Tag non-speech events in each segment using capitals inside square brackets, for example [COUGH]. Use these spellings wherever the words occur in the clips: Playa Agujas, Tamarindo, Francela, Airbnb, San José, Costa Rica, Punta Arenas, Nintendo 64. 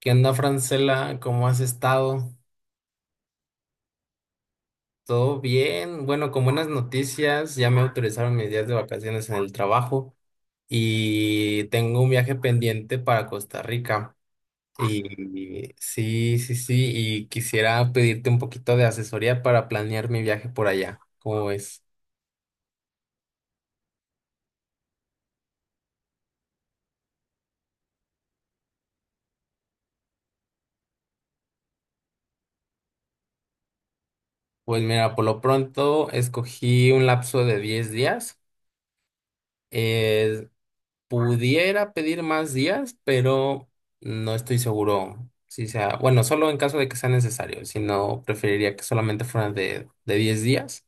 ¿Qué onda, Francela? ¿Cómo has estado? ¿Todo bien? Bueno, con buenas noticias, ya me autorizaron mis días de vacaciones en el trabajo y tengo un viaje pendiente para Costa Rica. Y sí, sí, sí, y quisiera pedirte un poquito de asesoría para planear mi viaje por allá. ¿Cómo ves? Pues mira, por lo pronto escogí un lapso de 10 días. Pudiera pedir más días, pero no estoy seguro si sea, bueno, solo en caso de que sea necesario, si no, preferiría que solamente fueran de 10 días.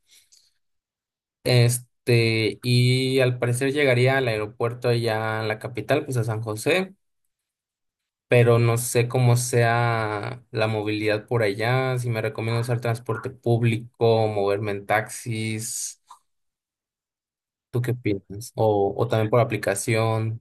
Y al parecer llegaría al aeropuerto ya a la capital, pues a San José, pero no sé cómo sea la movilidad por allá, si me recomiendo usar transporte público, moverme en taxis, ¿tú qué opinas? O también por aplicación.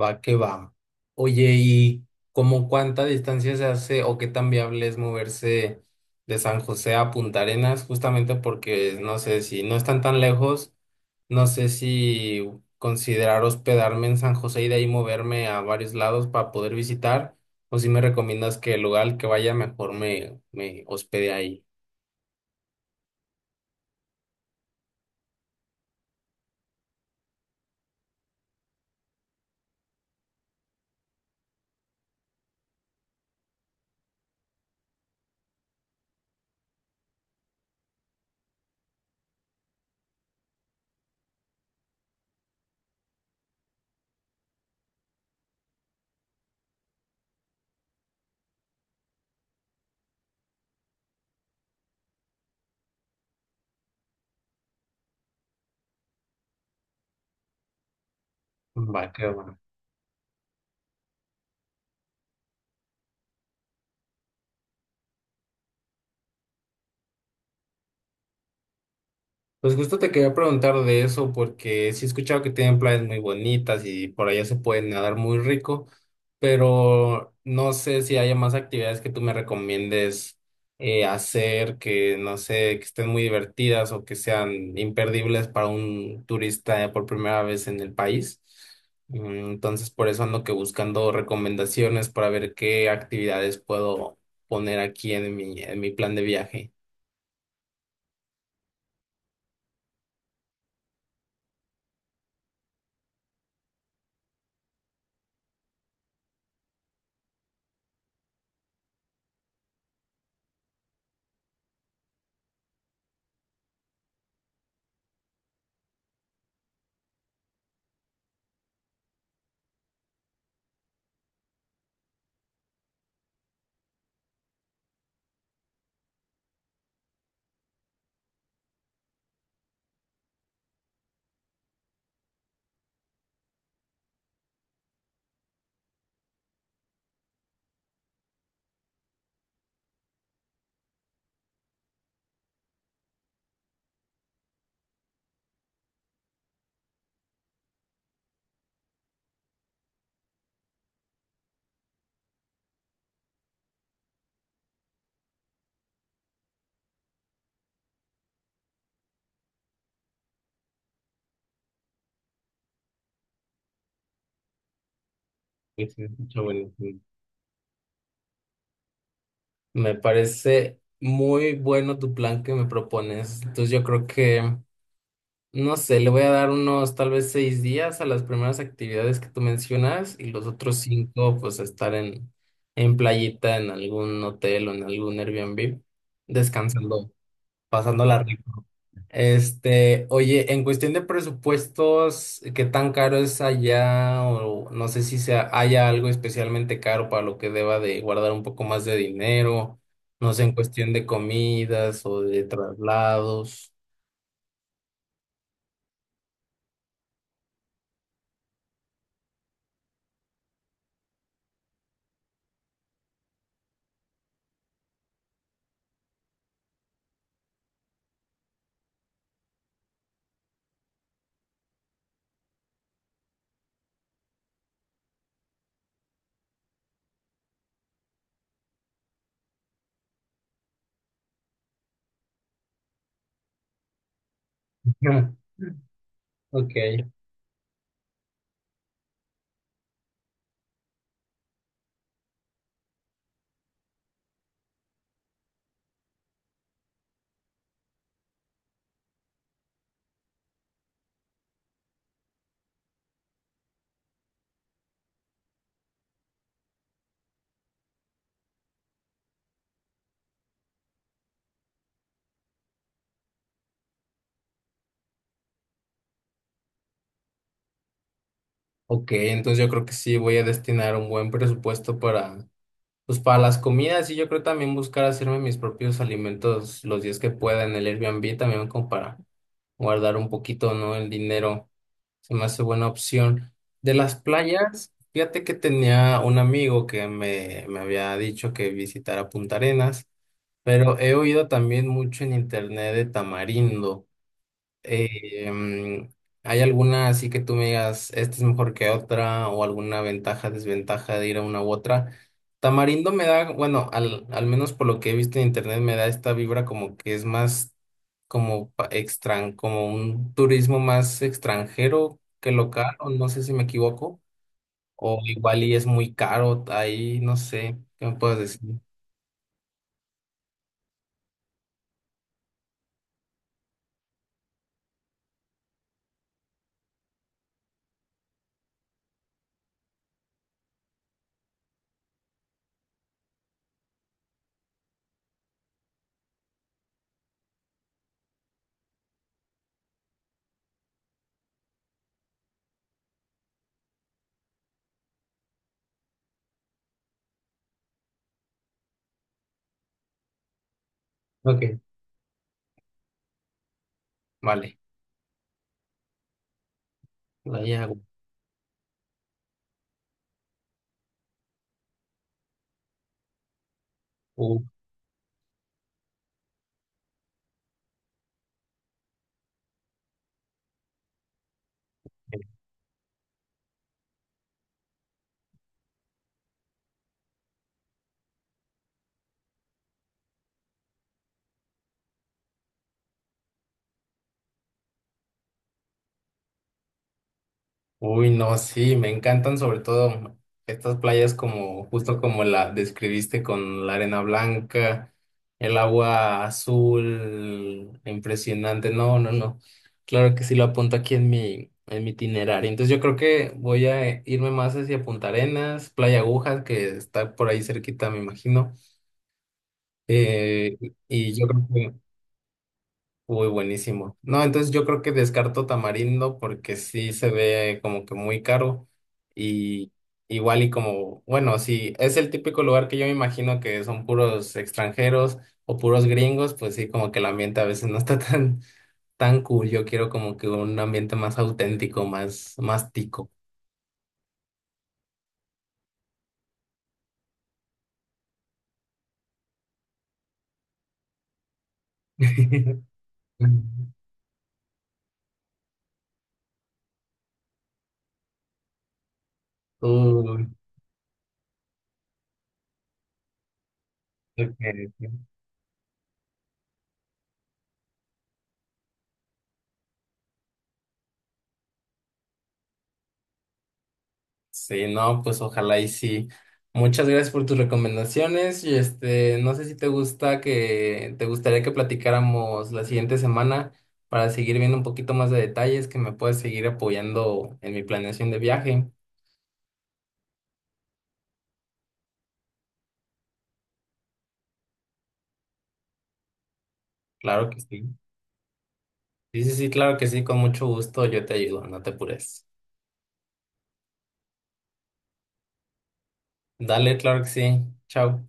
Va que va. Oye, ¿y cómo cuánta distancia se hace o qué tan viable es moverse de San José a Punta Arenas? Justamente porque no sé si no están tan lejos, no sé si considerar hospedarme en San José y de ahí moverme a varios lados para poder visitar, o si me recomiendas que el lugar al que vaya mejor me hospede ahí. Va que va. Pues justo te quería preguntar de eso porque sí he escuchado que tienen playas muy bonitas y por allá se pueden nadar muy rico, pero no sé si haya más actividades que tú me recomiendes hacer que no sé, que estén muy divertidas o que sean imperdibles para un turista por primera vez en el país. Entonces por eso ando que buscando recomendaciones para ver qué actividades puedo poner aquí en mi plan de viaje. Pues, se escucha buenísimo. Me parece muy bueno tu plan que me propones. Entonces yo creo que, no sé, le voy a dar unos tal vez 6 días a las primeras actividades que tú mencionas y los otros 5 pues a estar en playita, en algún hotel o en algún Airbnb, descansando, pasando la oye, en cuestión de presupuestos, ¿qué tan caro es allá? O no sé si sea, haya algo especialmente caro para lo que deba de guardar un poco más de dinero. No sé, en cuestión de comidas o de traslados. [LAUGHS] Ok, ok, entonces yo creo que sí voy a destinar un buen presupuesto para, pues para las comidas y yo creo también buscar hacerme mis propios alimentos los días que pueda en el Airbnb también como para guardar un poquito, ¿no? El dinero. Se me hace buena opción. De las playas, fíjate que tenía un amigo que me había dicho que visitara Punta Arenas, pero he oído también mucho en internet de Tamarindo. Eh, em, ¿Hay alguna así que tú me digas, esta es mejor que otra o alguna ventaja, desventaja de ir a una u otra? Tamarindo me da, bueno, al menos por lo que he visto en internet, me da esta vibra como que es más como como un turismo más extranjero que local, o no sé si me equivoco, o igual y es muy caro ahí, no sé, ¿qué me puedes decir? Ok, vale, la uy, no, sí, me encantan sobre todo estas playas como, justo como la describiste con la arena blanca, el agua azul, impresionante. No, no, no. Claro que sí lo apunto aquí en en mi itinerario. Entonces yo creo que voy a irme más hacia Punta Arenas, Playa Agujas, que está por ahí cerquita, me imagino. Eh, y yo creo que uy, buenísimo. No, entonces yo creo que descarto Tamarindo porque sí se ve como que muy caro y igual y como, bueno, sí, es el típico lugar que yo me imagino que son puros extranjeros o puros gringos, pues sí, como que el ambiente a veces no está [LAUGHS] tan, tan cool. Yo quiero como que un ambiente más auténtico, más, más tico. [LAUGHS] Uy, ok, ok. Sí, no, pues ojalá y sí. Muchas gracias por tus recomendaciones y no sé si te gusta que te gustaría que platicáramos la siguiente semana para seguir viendo un poquito más de detalles, que me puedas seguir apoyando en mi planeación de viaje. Claro que sí. Sí, sí, sí, claro que sí, con mucho gusto yo te ayudo, no te apures. Dale, claro que sí. Chao.